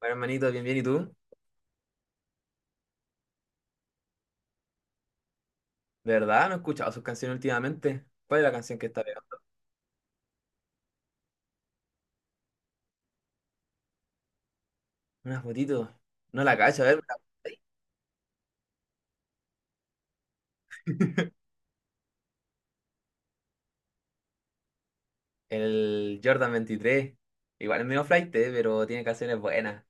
Bueno, hermanito, bien, bien. ¿Y tú? ¿De verdad? No he escuchado sus canciones últimamente. ¿Cuál es la canción que está pegando? Una fotito. No la cacho, a ver. El Jordan 23. Igual es medio flight, pero tiene canciones buenas.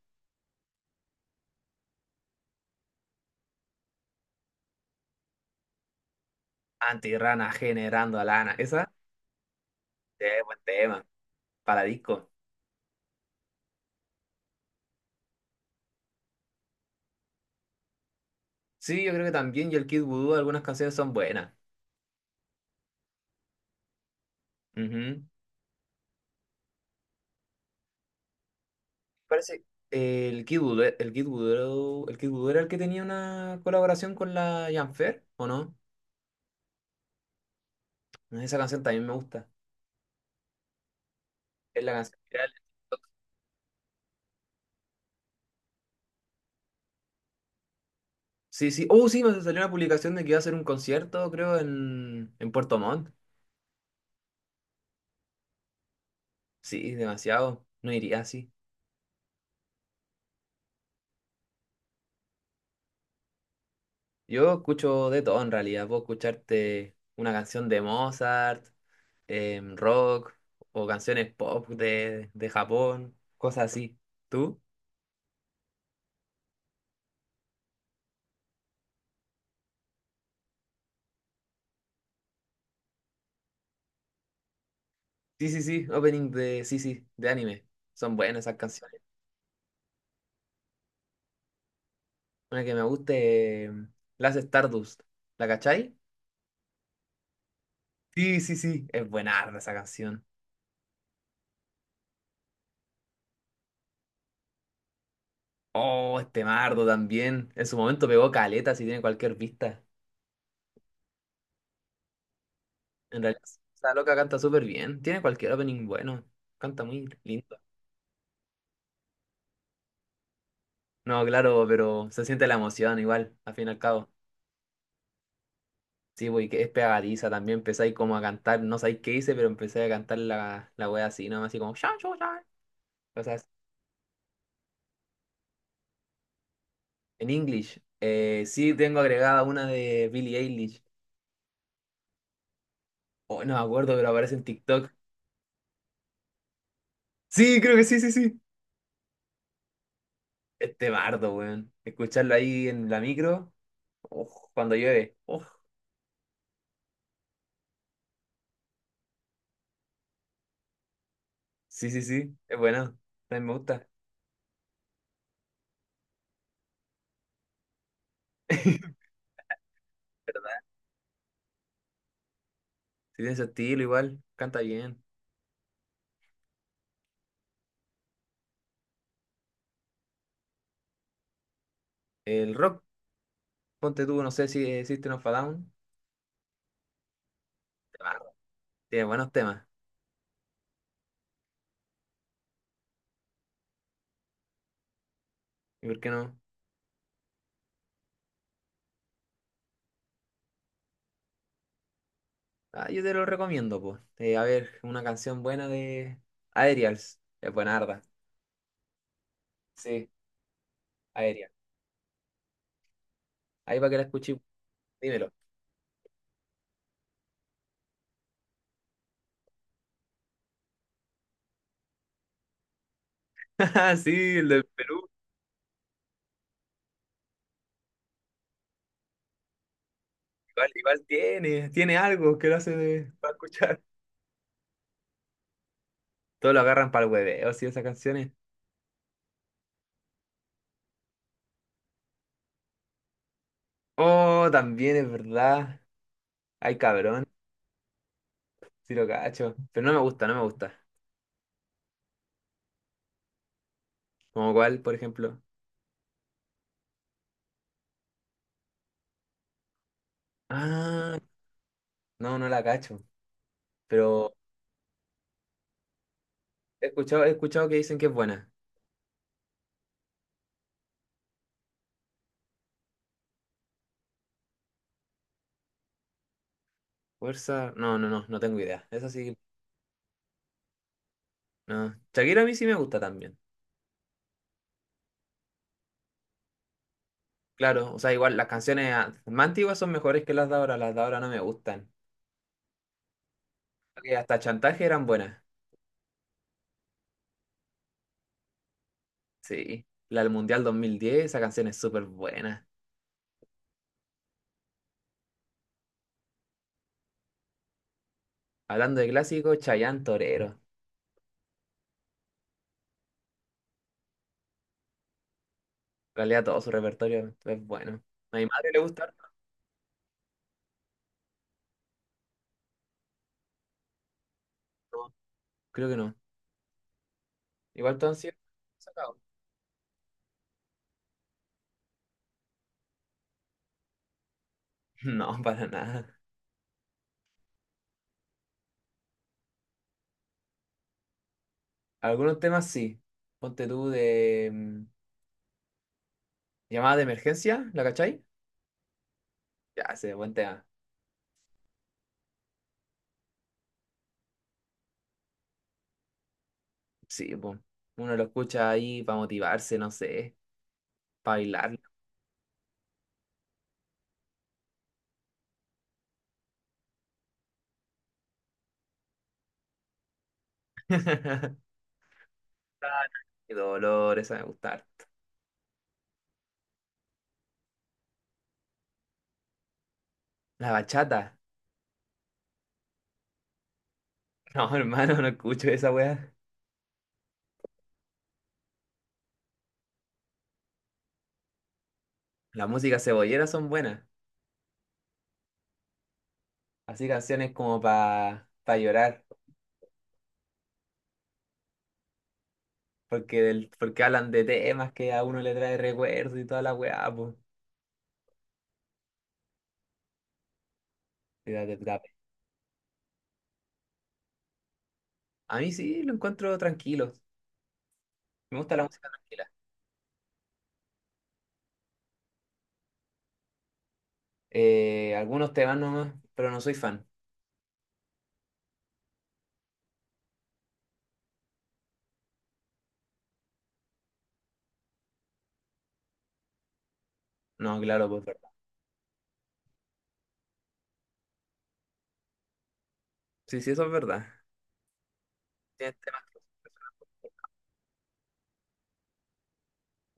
Antirrana generando a lana. Esa sí, buen tema. Para disco. Sí, yo creo que también. Y el Kid Voodoo, algunas canciones son buenas. Ujú. Parece. El Kid Voodoo, el Kid Voodoo era el que tenía una colaboración con la Janfer, ¿o no? Esa canción también me gusta. Es la canción viral. Sí, sí. Oh, sí, me salió una publicación de que iba a hacer un concierto, creo, en Puerto Montt. Sí, demasiado. No iría así. Yo escucho de todo en realidad. Puedo escucharte una canción de Mozart, rock, o canciones pop de Japón, cosas así. ¿Tú? Sí, sí, sí. Opening de, sí, sí, de anime. Son buenas esas canciones. Una que me guste, la hace Stardust. ¿La cachai? Sí, sí, sí. Es buena esa canción. Oh, este Mardo también. En su momento pegó caleta si tiene cualquier vista. En realidad, esa loca canta súper bien. Tiene cualquier opening bueno. Canta muy lindo. No, claro, pero se siente la emoción igual, al fin y al cabo. Sí, güey, que es pegadiza también. Empecé ahí como a cantar, no sabéis qué hice, pero empecé a cantar la wea así, nomás así como "Sha, sha, sha". Cosas así. En English. Sí, tengo agregada una de Billie Eilish. Oh, no me acuerdo, pero aparece en TikTok. Sí, creo que sí, sí, sí. Este bardo, weón. Escucharlo ahí en la micro. Uf, cuando llueve. Uf, sí, sí, sí, es bueno. También me gusta. Sí, tiene ese estilo igual, canta bien. El rock, ponte tú, no sé si existe System of a Down. ah, Tiene buenos temas. ¿Y por qué no? Ah, yo te lo recomiendo, pues. A ver, una canción buena de Aerials. Es buena arda. Sí, Aerial. Ahí para que la escuché, dímelo. Sí, el del Perú. Igual, tiene algo que lo hace para escuchar. Todos lo agarran para el hueveo, sí, esas canciones. Oh, también es verdad. Ay, cabrón, sí lo cacho. Pero no me gusta, no me gusta. ¿Como cuál, por ejemplo? Ah, no, no la cacho. Pero he escuchado que dicen que es buena. Fuerza, no, no, no, no tengo idea. Esa sí, no. Shakira a mí sí me gusta también. Claro, o sea, igual las canciones más antiguas son mejores que las de ahora no me gustan. Que hasta Chantaje eran buenas. Sí, la del Mundial 2010, esa canción es súper buena. Hablando de clásicos, Chayanne Torero. En realidad todo su repertorio es bueno. ¿A mi madre le gusta harto? No, creo que no. Igual todos han sido sacados. No, para nada. Algunos temas sí. Ponte tú de llamada de emergencia, ¿la cachai? Ya, ese buen tema. Sí, pues. Uno lo escucha ahí para motivarse, no sé, para bailar. Qué dolor, esa me gustar. La bachata. No, hermano, no escucho esa weá. Las músicas cebolleras son buenas. Así canciones como para pa pa llorar. Porque hablan de temas que a uno le trae recuerdos y toda la weá, pues. A mí sí lo encuentro tranquilo. Me gusta la música tranquila. Algunos temas nomás, pero no soy fan. No, claro, pues verdad. Sí, sí, eso es verdad. Tienes temas que-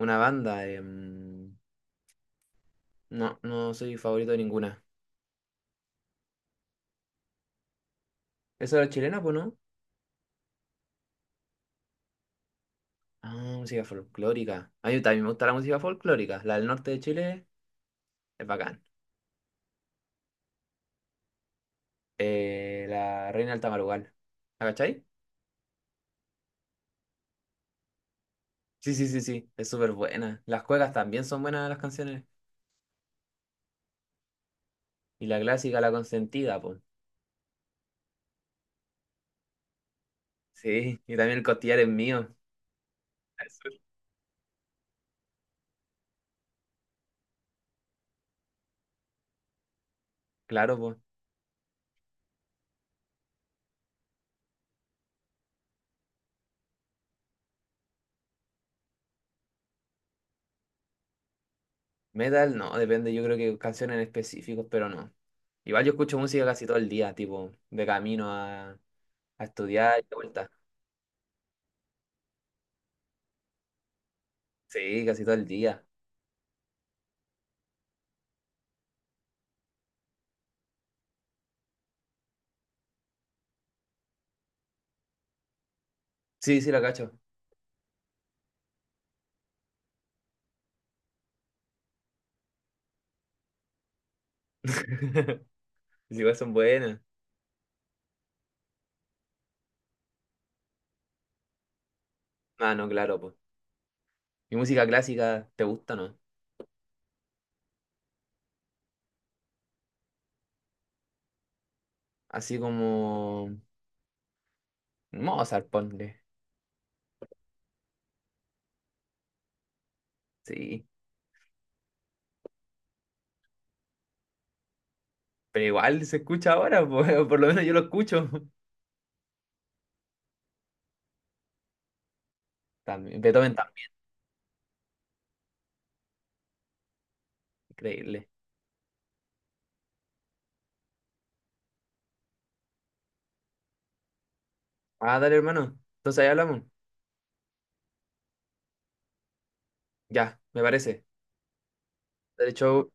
Una banda, no, no soy favorito de ninguna. ¿Eso era chilena, pues no? Ah, música folclórica. A mí también me gusta la música folclórica. La del norte de Chile es bacán. La Reina del Tamarugal. ¿La cachai? Sí, sí, sí, sí. Es súper buena. Las cuecas también son buenas las canciones. Y la clásica, la consentida, pues. Sí, y también el costillar es mío. Eso. Claro, pues. Metal, no, depende, yo creo que canciones en específico, pero no. Igual yo escucho música casi todo el día, tipo, de camino a estudiar y de vuelta. Sí, casi todo el día. Sí, sí, la cacho. Sí, igual son buenas. Ah, no, claro, pues. ¿Y música clásica te gusta, no? Así como Mozart, ponle. Sí. Pero igual se escucha ahora, pues, por lo menos yo lo escucho. También, Beethoven también, increíble. Ah, dale, hermano. Entonces ahí hablamos. Ya, me parece. De hecho,